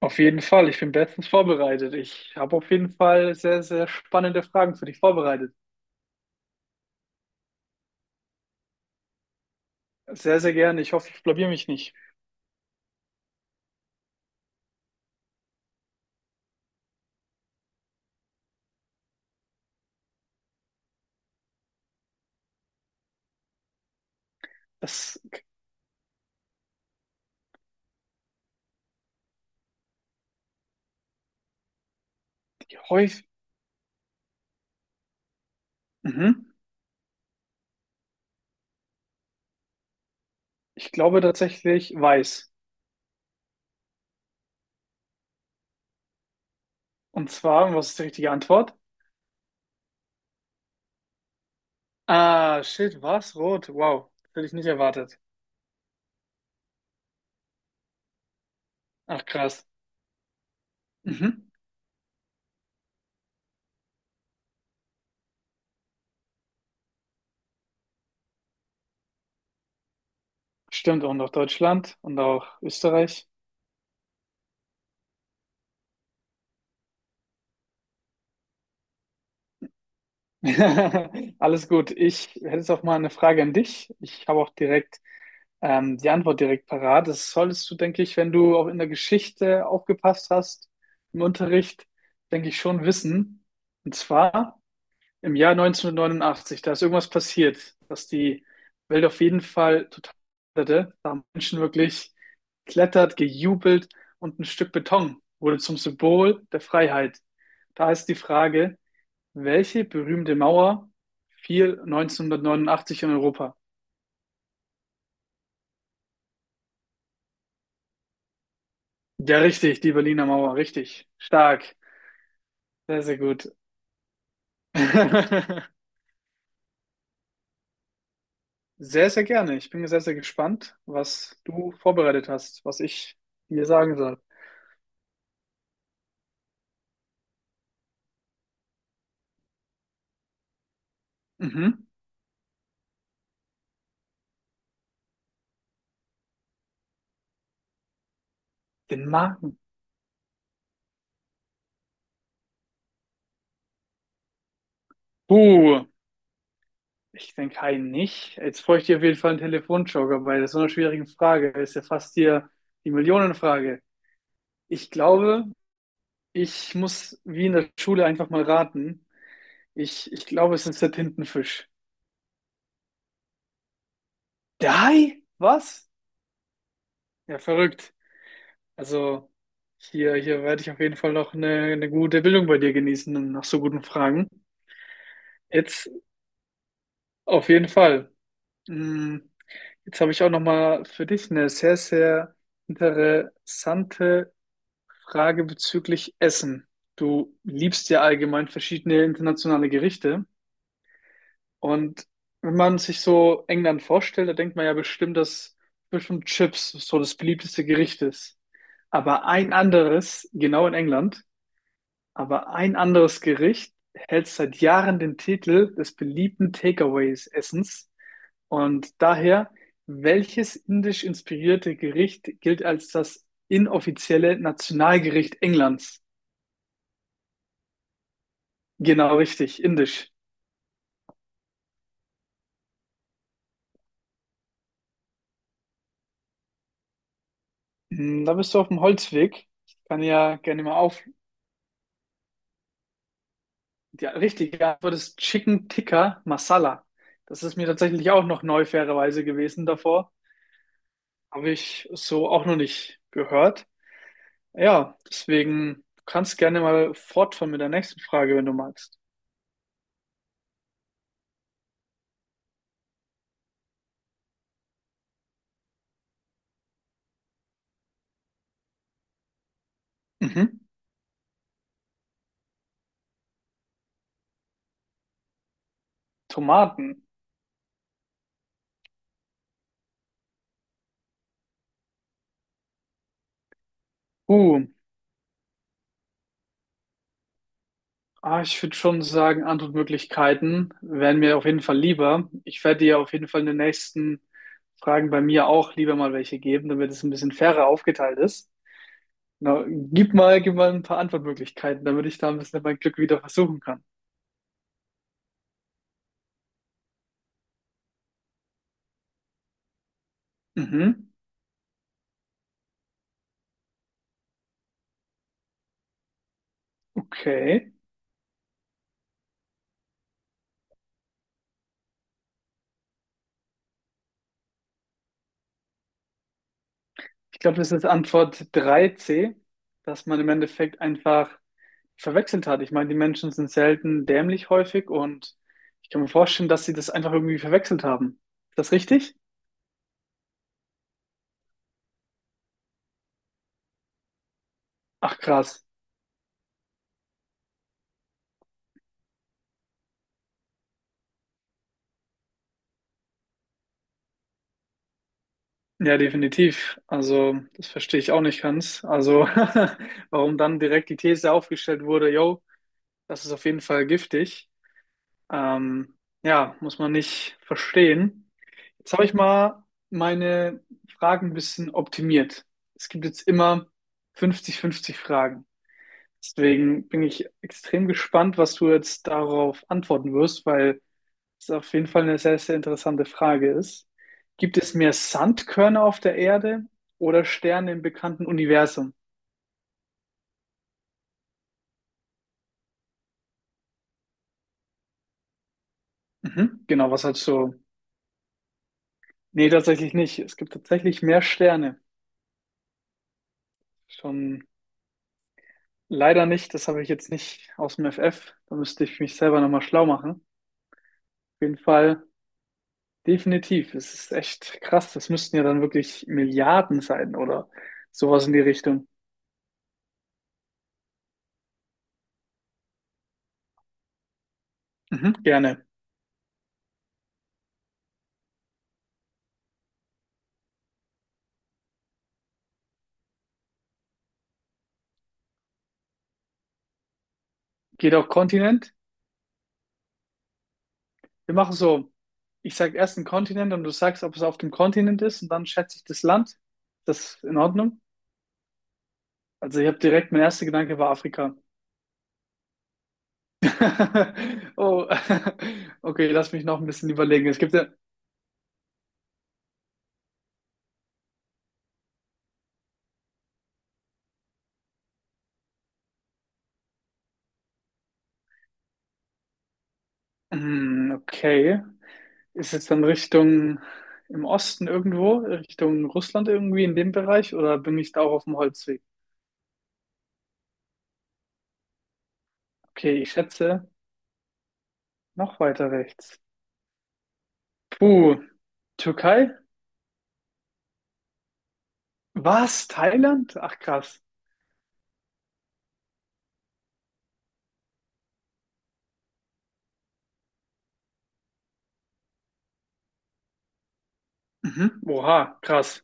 Auf jeden Fall, ich bin bestens vorbereitet. Ich habe auf jeden Fall sehr, sehr spannende Fragen für dich vorbereitet. Sehr, sehr gerne. Ich hoffe, ich blamier mich nicht. Das häufig, mhm. Ich glaube tatsächlich weiß. Und zwar, was ist die richtige Antwort? Ah, shit, was? Rot. Wow, hätte ich nicht erwartet. Ach, krass. Mhm. Stimmt, und auch Deutschland und auch Österreich. Alles gut. Ich hätte jetzt auch mal eine Frage an dich. Ich habe auch direkt die Antwort direkt parat. Das solltest du, denke ich, wenn du auch in der Geschichte aufgepasst hast, im Unterricht, denke ich schon wissen. Und zwar im Jahr 1989, da ist irgendwas passiert, dass die Welt auf jeden Fall total hatte. Da haben Menschen wirklich klettert, gejubelt und ein Stück Beton wurde zum Symbol der Freiheit. Da ist die Frage, welche berühmte Mauer fiel 1989 in Europa? Ja, richtig, die Berliner Mauer, richtig. Stark. Sehr, sehr gut. Sehr, sehr gerne. Ich bin sehr, sehr gespannt, was du vorbereitet hast, was ich dir sagen soll. Mhm. Den Magen. Uh, ich denke einen nicht. Jetzt bräuchte ich dir auf jeden Fall einen Telefonjoker bei so einer schwierigen Frage. Ist ja fast hier die Millionenfrage. Ich glaube, ich muss wie in der Schule einfach mal raten. Ich glaube, es ist der Tintenfisch. Der Hai? Was? Ja, verrückt. Also hier, hier werde ich auf jeden Fall noch eine gute Bildung bei dir genießen und nach so guten Fragen. Jetzt auf jeden Fall. Mm, Jetzt habe ich auch noch mal für dich eine sehr, sehr interessante Frage bezüglich Essen. Du liebst ja allgemein verschiedene internationale Gerichte und wenn man sich so England vorstellt, da denkt man ja bestimmt, dass bestimmt Chips so das beliebteste Gericht ist. Aber ein anderes, genau in England. Aber ein anderes Gericht hält seit Jahren den Titel des beliebten Takeaways-Essens. Und daher, welches indisch inspirierte Gericht gilt als das inoffizielle Nationalgericht Englands? Genau, richtig, indisch. Hm, da bist du auf dem Holzweg. Ich kann ja gerne mal auf. Ja, richtig, die Antwort ist Chicken Tikka Masala. Das ist mir tatsächlich auch noch neu, fairerweise gewesen davor. Habe ich so auch noch nicht gehört. Ja, deswegen, du kannst gerne mal fortfahren mit der nächsten Frage, wenn du magst. Mhm. Tomaten. Uh, ich würde schon sagen, Antwortmöglichkeiten wären mir auf jeden Fall lieber. Ich werde dir auf jeden Fall in den nächsten Fragen bei mir auch lieber mal welche geben, damit es ein bisschen fairer aufgeteilt ist. Na, gib mal ein paar Antwortmöglichkeiten, damit ich da ein bisschen mein Glück wieder versuchen kann. Mhm. Okay. Ich glaube, das ist Antwort 3c, dass man im Endeffekt einfach verwechselt hat. Ich meine, die Menschen sind selten dämlich häufig und ich kann mir vorstellen, dass sie das einfach irgendwie verwechselt haben. Ist das richtig? Ach, krass. Ja, definitiv. Also, das verstehe ich auch nicht ganz. Also, warum dann direkt die These aufgestellt wurde, yo, das ist auf jeden Fall giftig. Ähm, ja, muss man nicht verstehen. Jetzt habe ich mal meine Fragen ein bisschen optimiert. Es gibt jetzt immer 50-50 Fragen. Deswegen bin ich extrem gespannt, was du jetzt darauf antworten wirst, weil es auf jeden Fall eine sehr, sehr interessante Frage ist. Gibt es mehr Sandkörner auf der Erde oder Sterne im bekannten Universum? Mhm. Genau, was halt so. Nee, tatsächlich nicht. Es gibt tatsächlich mehr Sterne. Schon leider nicht. Das habe ich jetzt nicht aus dem FF. Da müsste ich mich selber nochmal schlau machen. Auf jeden Fall definitiv. Es ist echt krass. Das müssten ja dann wirklich Milliarden sein oder sowas in die Richtung. Mhm, gerne. Geht auch Kontinent. Wir machen so, ich sage erst einen Kontinent und du sagst, ob es auf dem Kontinent ist und dann schätze ich das Land. Das ist in Ordnung. Also ich habe direkt, mein erster Gedanke war Afrika. Oh, okay, lass mich noch ein bisschen überlegen. Es gibt ja, hm, okay, ist jetzt dann Richtung im Osten irgendwo, Richtung Russland irgendwie in dem Bereich oder bin ich da auch auf dem Holzweg? Okay, ich schätze noch weiter rechts. Puh, Türkei? Was? Thailand? Ach krass. Mhm. Oha, krass.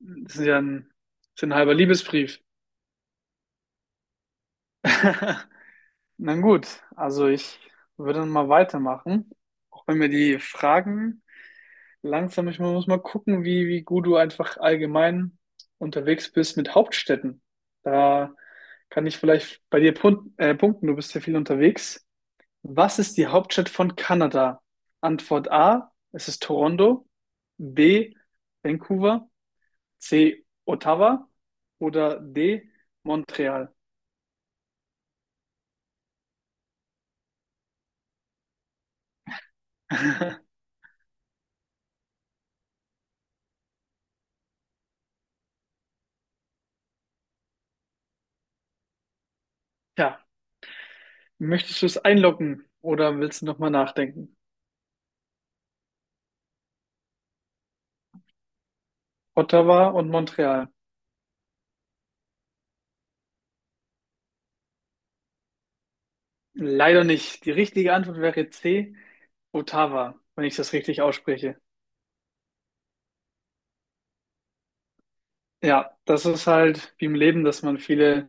Das ist ja ein, das ist ein halber Liebesbrief. Na gut, also ich würde dann mal weitermachen. Auch wenn mir die Fragen langsam, ich muss mal gucken, wie gut du einfach allgemein unterwegs bist mit Hauptstädten. Da kann ich vielleicht bei dir punkten, du bist ja viel unterwegs. Was ist die Hauptstadt von Kanada? Antwort A, es ist Toronto. B, Vancouver. C. Ottawa oder D. Montreal? Ja, möchtest du es einloggen oder willst du nochmal nachdenken? Ottawa und Montreal. Leider nicht. Die richtige Antwort wäre C. Ottawa, wenn ich das richtig ausspreche. Ja, das ist halt wie im Leben, dass man viele,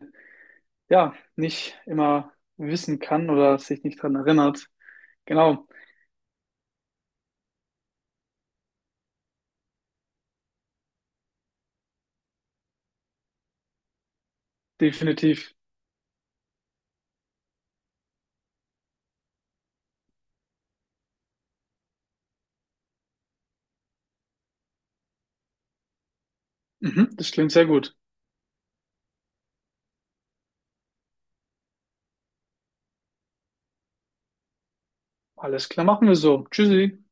ja, nicht immer wissen kann oder sich nicht daran erinnert. Genau, definitiv. Mhm, das klingt sehr gut. Alles klar, machen wir so. Tschüssi.